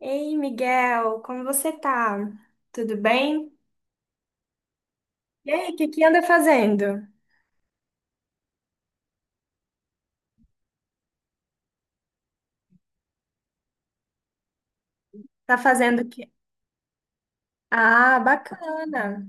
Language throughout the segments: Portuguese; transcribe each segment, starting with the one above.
Ei, Miguel, como você tá? Tudo bem? E aí, o que que anda fazendo? Tá fazendo o quê? Ah, bacana.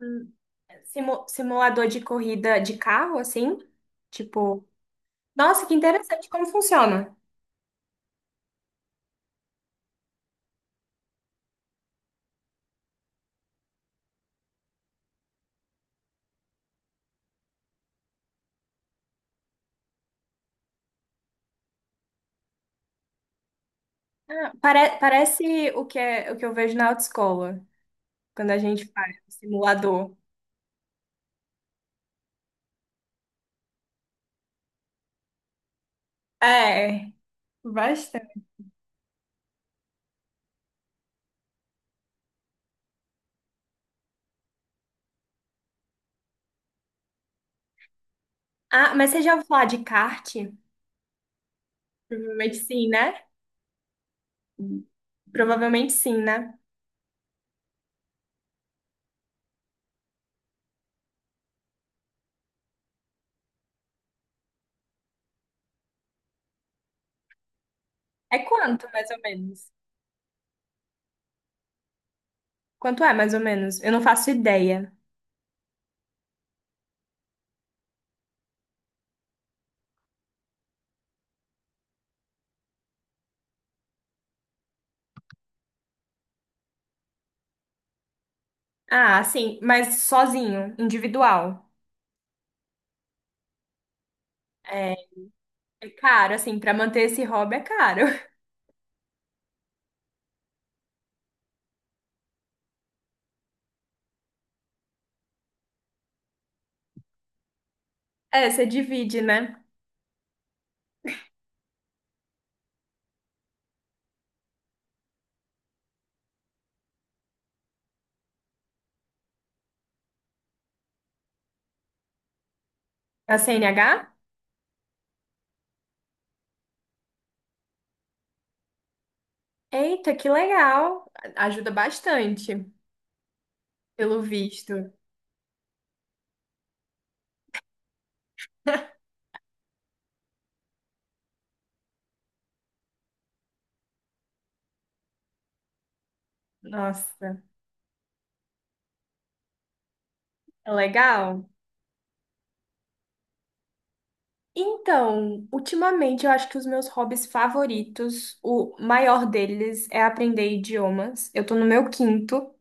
Hum, simulador de corrida de carro, assim? Tipo, nossa, que interessante como funciona. Parece o que é, o que eu vejo na autoescola, quando a gente faz o simulador. É, bastante. Ah, mas você já ouviu falar de kart? Provavelmente sim, né? Provavelmente sim, né? É quanto, mais ou menos? Quanto é, mais ou menos? Eu não faço ideia. Ah, sim, mas sozinho, individual. É, é caro, assim, pra manter esse hobby é caro. É, você divide, né? A CNH? Eita, que legal! Ajuda bastante, pelo visto. Nossa, é legal. Então, ultimamente eu acho que os meus hobbies favoritos, o maior deles é aprender idiomas. Eu tô no meu quinto,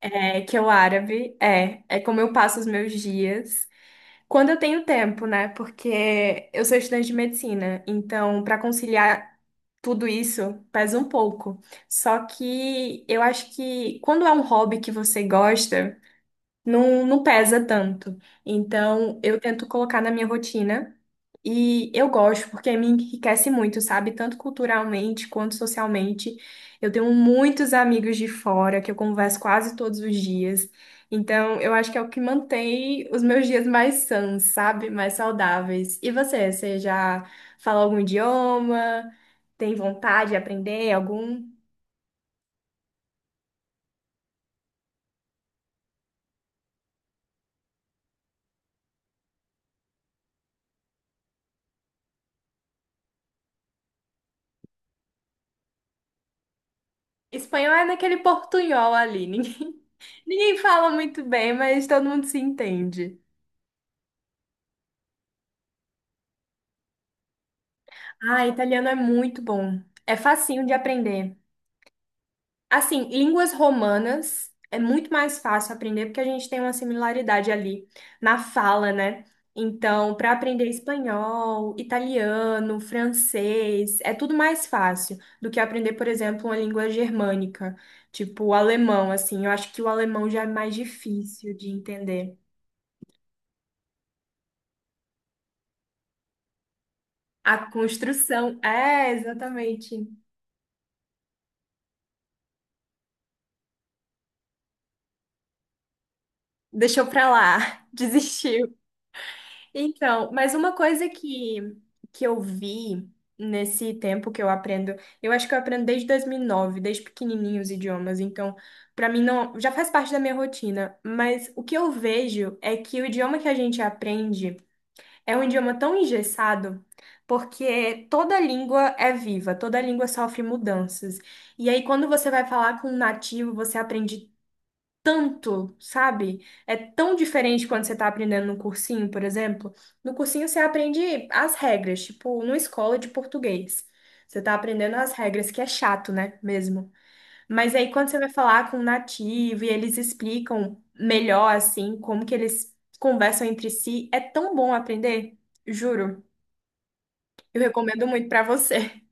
é, que é o árabe. É, é como eu passo os meus dias. Quando eu tenho tempo, né? Porque eu sou estudante de medicina, então para conciliar tudo isso pesa um pouco. Só que eu acho que quando é um hobby que você gosta, não, não pesa tanto. Então, eu tento colocar na minha rotina e eu gosto, porque me enriquece muito, sabe? Tanto culturalmente quanto socialmente. Eu tenho muitos amigos de fora que eu converso quase todos os dias. Então, eu acho que é o que mantém os meus dias mais sãos, sabe? Mais saudáveis. E você, você já fala algum idioma? Tem vontade de aprender algum? Espanhol é naquele portunhol ali, ninguém Ninguém fala muito bem, mas todo mundo se entende. Ah, italiano é muito bom. É facinho de aprender. Assim, línguas romanas é muito mais fácil aprender porque a gente tem uma similaridade ali na fala, né? Então, para aprender espanhol, italiano, francês, é tudo mais fácil do que aprender, por exemplo, uma língua germânica, tipo o alemão, assim. Eu acho que o alemão já é mais difícil de entender. A construção, é, exatamente. Deixou pra lá, desistiu. Então, mas uma coisa que eu vi nesse tempo que eu aprendo, eu acho que eu aprendo desde 2009 desde pequenininho os idiomas, então pra mim não, já faz parte da minha rotina, mas o que eu vejo é que o idioma que a gente aprende é um idioma tão engessado, porque toda língua é viva, toda língua sofre mudanças. E aí quando você vai falar com um nativo, você aprende tanto, sabe? É tão diferente quando você tá aprendendo no cursinho, por exemplo. No cursinho você aprende as regras, tipo, numa escola de português. Você tá aprendendo as regras, que é chato, né? Mesmo. Mas aí quando você vai falar com um nativo e eles explicam melhor, assim, como que eles conversam entre si, é tão bom aprender. Juro, eu recomendo muito pra você.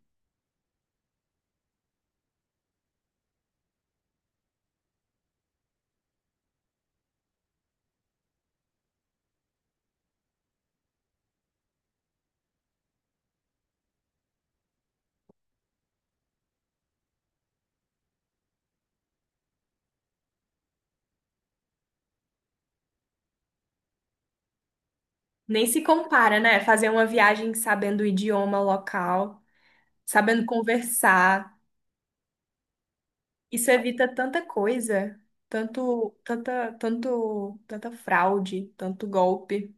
Nem se compara, né? Fazer uma viagem sabendo o idioma local, sabendo conversar. Isso evita tanta coisa, tanto, tanta fraude, tanto golpe.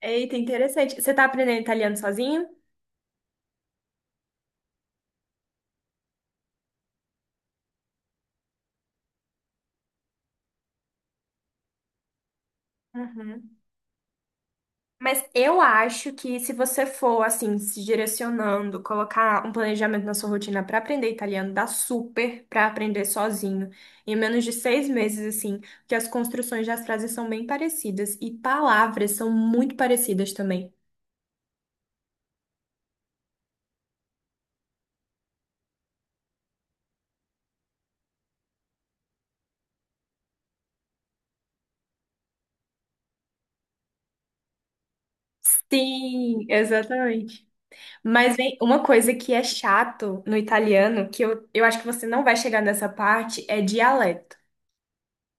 Eita, interessante. Você tá aprendendo italiano sozinho? Uhum. Mas eu acho que se você for assim, se direcionando, colocar um planejamento na sua rotina para aprender italiano, dá super para aprender sozinho. Em menos de 6 meses, assim, porque as construções das frases são bem parecidas e palavras são muito parecidas também. Sim, exatamente. Mas vem uma coisa que é chato no italiano, que eu acho que você não vai chegar nessa parte, é dialeto.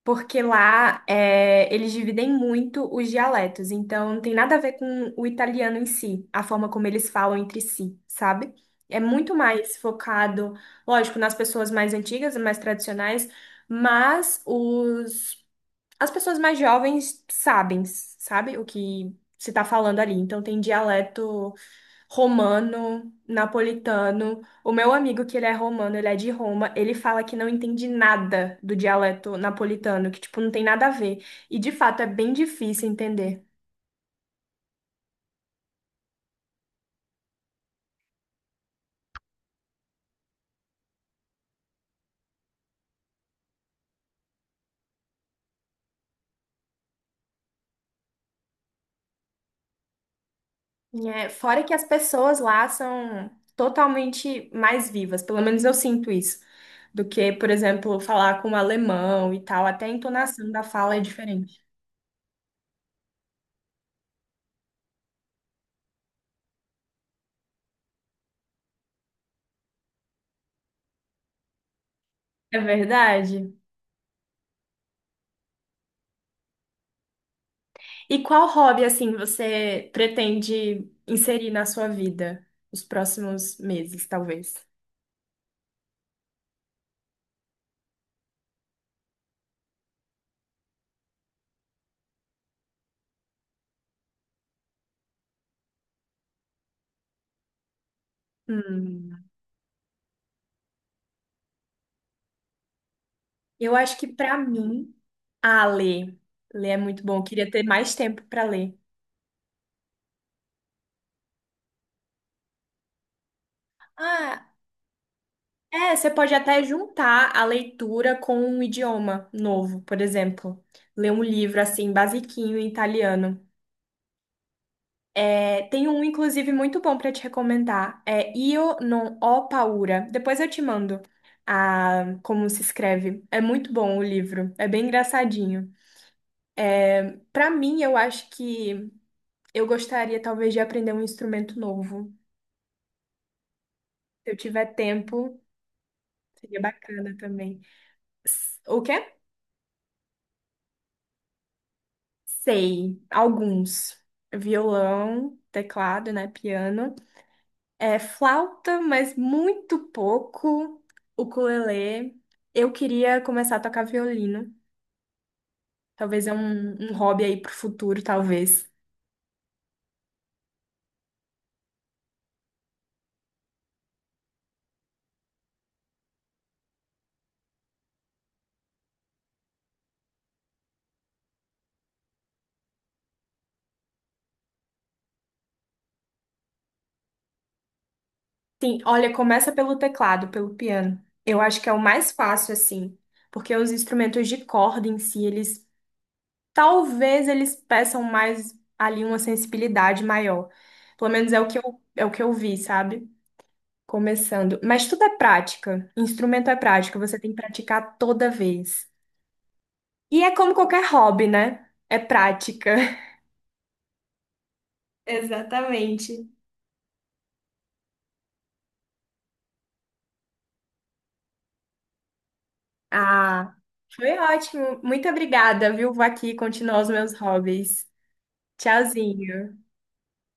Porque lá é, eles dividem muito os dialetos, então não tem nada a ver com o italiano em si, a forma como eles falam entre si, sabe? É muito mais focado, lógico, nas pessoas mais antigas, mais tradicionais, mas as pessoas mais jovens sabem, sabe, o que se está falando ali. Então tem dialeto romano, napolitano. O meu amigo, que ele é romano, ele é de Roma, ele fala que não entende nada do dialeto napolitano, que, tipo, não tem nada a ver. E, de fato, é bem difícil entender. É, fora que as pessoas lá são totalmente mais vivas, pelo menos eu sinto isso, do que, por exemplo, falar com o alemão e tal. Até a entonação da fala é diferente. É verdade? E qual hobby, assim, você pretende inserir na sua vida os próximos meses, talvez? Hum, eu acho que pra mim, ah, ler. Ler é muito bom. Eu queria ter mais tempo pra ler. Ah, é, você pode até juntar a leitura com um idioma novo, por exemplo. Ler um livro assim, basiquinho em italiano. É, tem um, inclusive, muito bom para te recomendar. É Io non ho paura. Depois eu te mando a como se escreve. É muito bom o livro. É bem engraçadinho. Para mim, eu acho que eu gostaria talvez de aprender um instrumento novo. Se eu tiver tempo, seria bacana também. O quê? Sei, alguns. Violão, teclado, né? Piano. É flauta, mas muito pouco. Ukulele. Eu queria começar a tocar violino. Talvez é um hobby aí pro futuro, talvez. Sim, olha, começa pelo teclado, pelo piano. Eu acho que é o mais fácil, assim, porque os instrumentos de corda em si, eles talvez eles peçam mais ali uma sensibilidade maior. Pelo menos é o que eu, é o que eu vi, sabe? Começando. Mas tudo é prática. Instrumento é prática, você tem que praticar toda vez. E é como qualquer hobby, né? É prática. Exatamente. Ah, foi ótimo. Muito obrigada, viu? Vou aqui continuar os meus hobbies. Tchauzinho.